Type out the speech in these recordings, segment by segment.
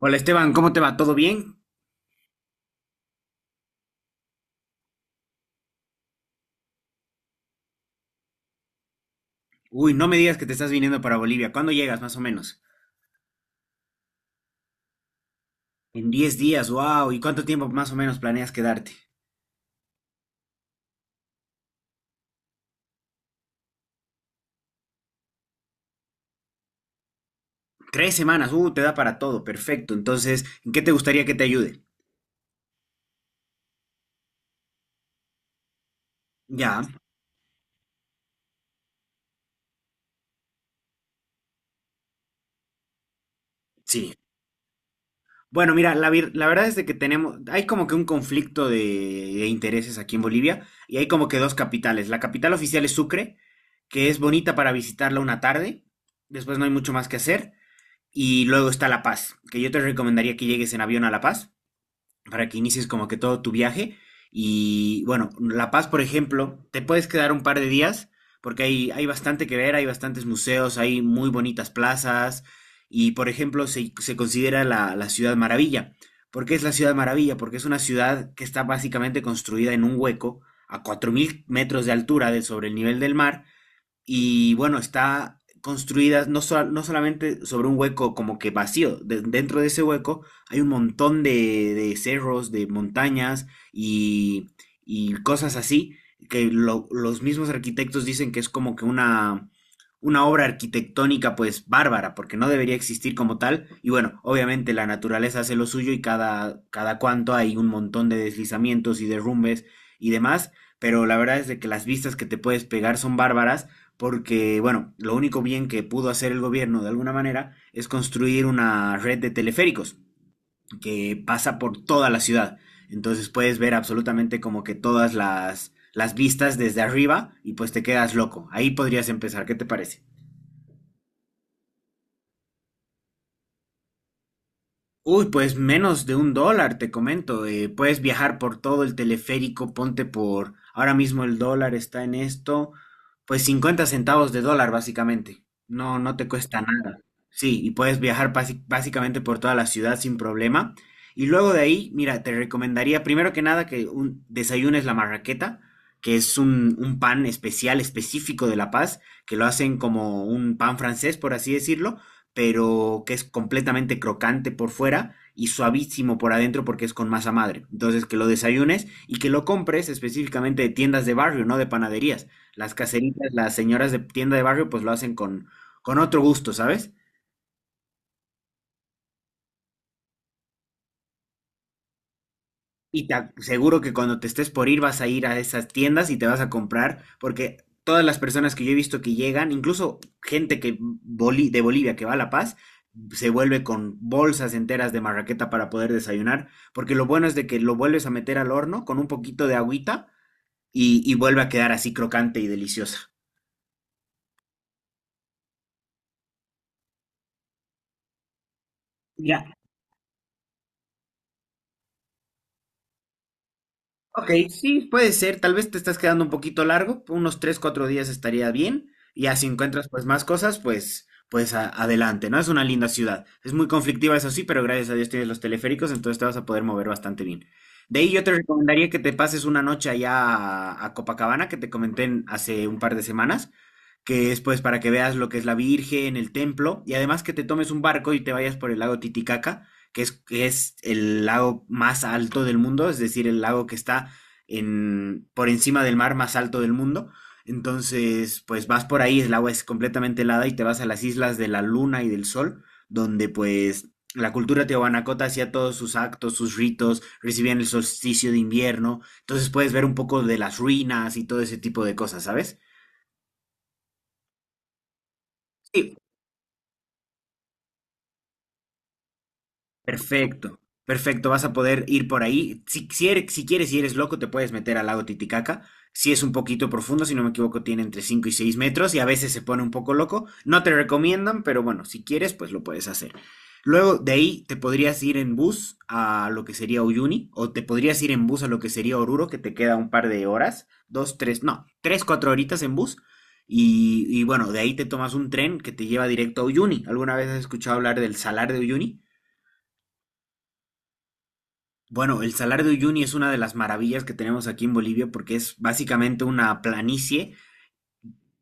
Hola Esteban, ¿cómo te va? ¿Todo bien? Uy, no me digas que te estás viniendo para Bolivia. ¿Cuándo llegas más o menos? En 10 días, wow. ¿Y cuánto tiempo más o menos planeas quedarte? 3 semanas, te da para todo, perfecto. Entonces, ¿en qué te gustaría que te ayude? Ya, sí. Bueno, mira, la verdad es de que tenemos, hay como que un conflicto de intereses aquí en Bolivia y hay como que dos capitales. La capital oficial es Sucre, que es bonita para visitarla una tarde, después no hay mucho más que hacer. Y luego está La Paz, que yo te recomendaría que llegues en avión a La Paz, para que inicies como que todo tu viaje. Y bueno, La Paz, por ejemplo, te puedes quedar un par de días porque hay bastante que ver, hay bastantes museos, hay muy bonitas plazas y, por ejemplo, se considera la Ciudad Maravilla. ¿Por qué es la Ciudad Maravilla? Porque es una ciudad que está básicamente construida en un hueco a 4.000 metros de altura sobre el nivel del mar y bueno, está construida no solamente sobre un hueco como que vacío, dentro de ese hueco hay un montón de cerros, de montañas y, y cosas así, que los mismos arquitectos dicen que es como que una obra arquitectónica pues bárbara, porque no debería existir como tal. Y bueno, obviamente la naturaleza hace lo suyo y cada cuanto hay un montón de deslizamientos y derrumbes y demás, pero la verdad es de que las vistas que te puedes pegar son bárbaras porque, bueno, lo único bien que pudo hacer el gobierno de alguna manera es construir una red de teleféricos que pasa por toda la ciudad. Entonces puedes ver absolutamente como que todas las vistas desde arriba y pues te quedas loco. Ahí podrías empezar, ¿qué te parece? Uy, pues menos de un dólar, te comento. Eh, puedes viajar por todo el teleférico, ponte por... Ahora mismo el dólar está en esto, pues 50 centavos de dólar básicamente. No, no te cuesta nada. Sí, y puedes viajar básicamente por toda la ciudad sin problema. Y luego de ahí, mira, te recomendaría primero que nada que desayunes la marraqueta, que es un pan especial, específico de La Paz, que lo hacen como un pan francés, por así decirlo, pero que es completamente crocante por fuera y suavísimo por adentro porque es con masa madre. Entonces, que lo desayunes y que lo compres específicamente de tiendas de barrio, no de panaderías. Las caseritas, las señoras de tienda de barrio, pues lo hacen con otro gusto, ¿sabes? Y seguro que cuando te estés por ir vas a ir a esas tiendas y te vas a comprar, porque todas las personas que yo he visto que llegan, incluso gente de Bolivia que va a La Paz, se vuelve con bolsas enteras de marraqueta para poder desayunar, porque lo bueno es de que lo vuelves a meter al horno con un poquito de agüita y vuelve a quedar así crocante y deliciosa. Ya. Ok, sí, puede ser. Tal vez te estás quedando un poquito largo, unos 3 4 días estaría bien. Y ya si encuentras pues más cosas, pues adelante, ¿no? Es una linda ciudad. Es muy conflictiva, eso sí, pero gracias a Dios tienes los teleféricos, entonces te vas a poder mover bastante bien. De ahí yo te recomendaría que te pases una noche allá a Copacabana, que te comenté hace un par de semanas, que es pues para que veas lo que es la Virgen, el templo, y además que te tomes un barco y te vayas por el lago Titicaca, que es el lago más alto del mundo, es decir, el lago que está por encima del mar más alto del mundo. Entonces, pues vas por ahí, el agua es completamente helada y te vas a las islas de la luna y del sol, donde pues la cultura Teotihuacana hacía todos sus actos, sus ritos, recibían el solsticio de invierno. Entonces puedes ver un poco de las ruinas y todo ese tipo de cosas, ¿sabes? Sí, perfecto, perfecto, vas a poder ir por ahí. Si si quieres y eres loco, te puedes meter al lago Titicaca. Si es un poquito profundo, si no me equivoco, tiene entre 5 y 6 metros y a veces se pone un poco loco. No te recomiendan, pero bueno, si quieres, pues lo puedes hacer. Luego de ahí te podrías ir en bus a lo que sería Uyuni o te podrías ir en bus a lo que sería Oruro, que te queda un par de horas, dos, tres, no, tres, cuatro horitas en bus. Y bueno, de ahí te tomas un tren que te lleva directo a Uyuni. ¿Alguna vez has escuchado hablar del Salar de Uyuni? Bueno, el Salar de Uyuni es una de las maravillas que tenemos aquí en Bolivia porque es básicamente una planicie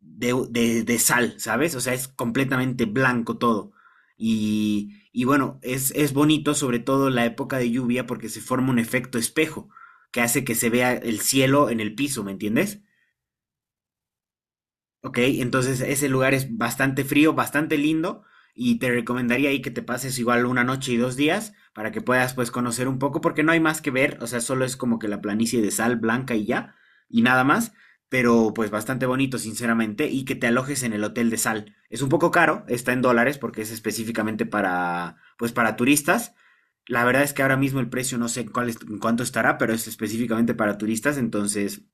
de sal, ¿sabes? O sea, es completamente blanco todo. Y bueno, es bonito sobre todo en la época de lluvia porque se forma un efecto espejo que hace que se vea el cielo en el piso, ¿me entiendes? Ok, entonces ese lugar es bastante frío, bastante lindo y te recomendaría ahí que te pases igual una noche y dos días para que puedas pues conocer un poco porque no hay más que ver, o sea, solo es como que la planicie de sal blanca y ya y nada más, pero pues bastante bonito sinceramente y que te alojes en el hotel de sal. Es un poco caro, está en dólares porque es específicamente para turistas. La verdad es que ahora mismo el precio no sé en cuál es en cuánto estará, pero es específicamente para turistas, entonces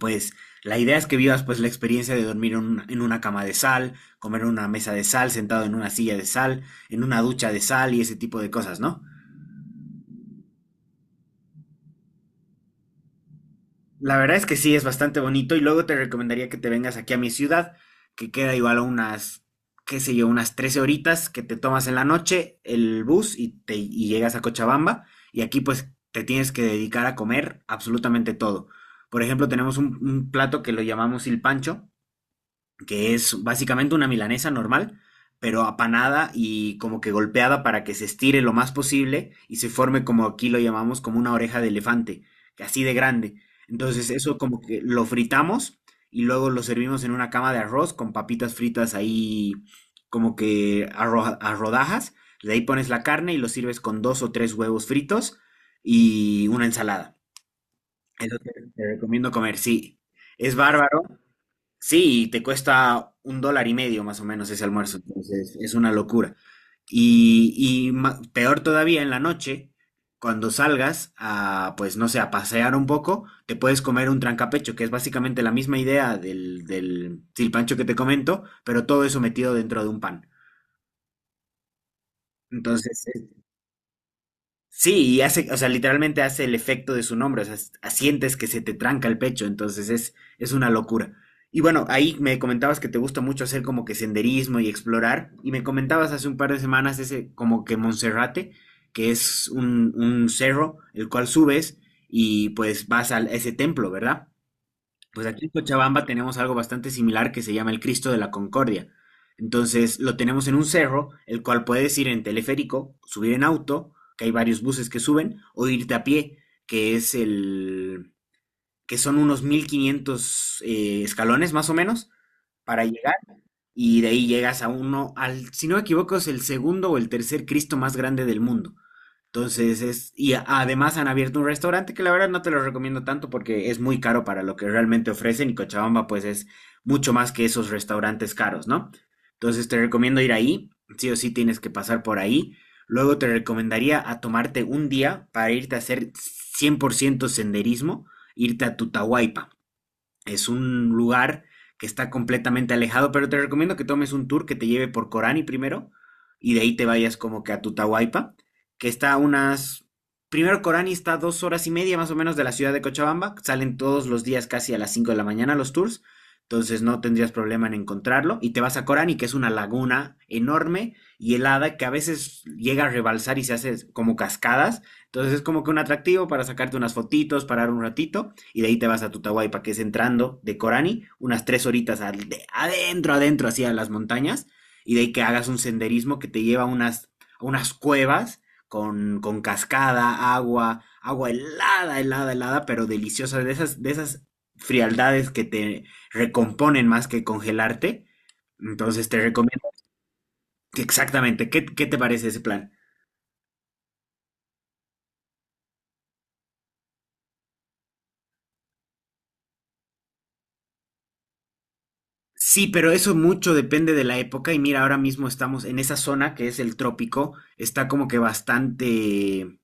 pues la idea es que vivas pues la experiencia de dormir en una cama de sal, comer en una mesa de sal, sentado en una silla de sal, en una ducha de sal y ese tipo de cosas, ¿no? La verdad es que sí, es bastante bonito y luego te recomendaría que te vengas aquí a mi ciudad, que queda igual a unas, qué sé yo, unas 13 horitas que te tomas en la noche el bus y y llegas a Cochabamba y aquí pues te tienes que dedicar a comer absolutamente todo. Por ejemplo, tenemos un plato que lo llamamos il pancho, que es básicamente una milanesa normal, pero apanada y como que golpeada para que se estire lo más posible y se forme como aquí lo llamamos como una oreja de elefante, que así de grande. Entonces eso como que lo fritamos y luego lo servimos en una cama de arroz con papitas fritas ahí como que a rodajas. De ahí pones la carne y lo sirves con dos o tres huevos fritos y una ensalada. Eso te recomiendo comer, sí. Es bárbaro. Sí, y te cuesta un dólar y medio más o menos ese almuerzo, entonces es una locura. Y, y peor todavía en la noche, cuando salgas a, pues no sé, a pasear un poco, te puedes comer un trancapecho, que es básicamente la misma idea del silpancho que te comento, pero todo eso metido dentro de un pan. Entonces. Sí, y hace, o sea, literalmente hace el efecto de su nombre, o sea, sientes que se te tranca el pecho, entonces es una locura. Y bueno, ahí me comentabas que te gusta mucho hacer como que senderismo y explorar, y me comentabas hace un par de semanas ese como que Monserrate, que es un cerro el cual subes y pues vas a ese templo, ¿verdad? Pues aquí en Cochabamba tenemos algo bastante similar que se llama el Cristo de la Concordia. Entonces lo tenemos en un cerro, el cual puedes ir en teleférico, subir en auto, que hay varios buses que suben, o irte a pie, que es el, que son unos 1500 escalones más o menos para llegar, y de ahí llegas si no me equivoco, es el segundo o el tercer Cristo más grande del mundo. Entonces, además han abierto un restaurante que la verdad no te lo recomiendo tanto porque es muy caro para lo que realmente ofrecen y Cochabamba pues es mucho más que esos restaurantes caros, ¿no? Entonces te recomiendo ir ahí, sí o sí tienes que pasar por ahí. Luego te recomendaría a tomarte un día para irte a hacer 100% senderismo, irte a Tutahualpa. Es un lugar que está completamente alejado, pero te recomiendo que tomes un tour que te lleve por Corani primero y de ahí te vayas como que a Tutahualpa, que está a unas... Primero Corani está a 2 horas y media más o menos de la ciudad de Cochabamba, salen todos los días casi a las 5 de la mañana los tours, entonces no tendrías problema en encontrarlo y te vas a Corani, que es una laguna enorme y helada que a veces llega a rebalsar y se hace como cascadas, entonces es como que un atractivo para sacarte unas fotitos, parar un ratito y de ahí te vas a Tutahualpa, que es entrando de Corani, unas 3 horitas adentro, adentro, hacia las montañas, y de ahí que hagas un senderismo que te lleva a unas, cuevas con cascada, agua, agua helada, helada, helada, pero deliciosa, de esas frialdades que te recomponen más que congelarte. Entonces te recomiendo que exactamente, ¿qué, te parece ese plan? Sí, pero eso mucho depende de la época y mira, ahora mismo estamos en esa zona que es el trópico, está como que bastante,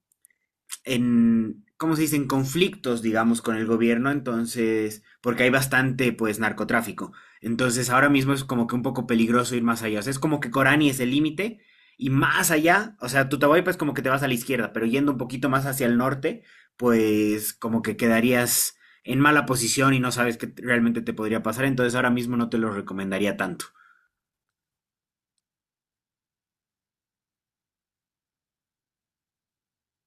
en, ¿cómo se dice?, en conflictos, digamos, con el gobierno, entonces, porque hay bastante, pues, narcotráfico. Entonces, ahora mismo es como que un poco peligroso ir más allá. O sea, es como que Corani es el límite y más allá, o sea, Tutahualpa es como que te vas a la izquierda, pero yendo un poquito más hacia el norte, pues, como que quedarías en mala posición y no sabes qué realmente te podría pasar, entonces ahora mismo no te lo recomendaría tanto.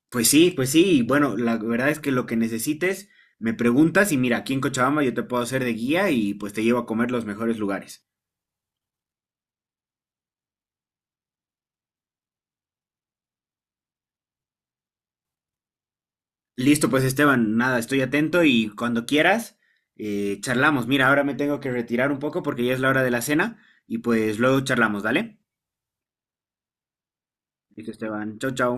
Pues sí, y bueno, la verdad es que lo que necesites, me preguntas y mira, aquí en Cochabamba yo te puedo hacer de guía y pues te llevo a comer los mejores lugares. Listo, pues Esteban, nada, estoy atento y cuando quieras, charlamos. Mira, ahora me tengo que retirar un poco porque ya es la hora de la cena y pues luego charlamos, ¿dale? Listo, Esteban, chau, chau.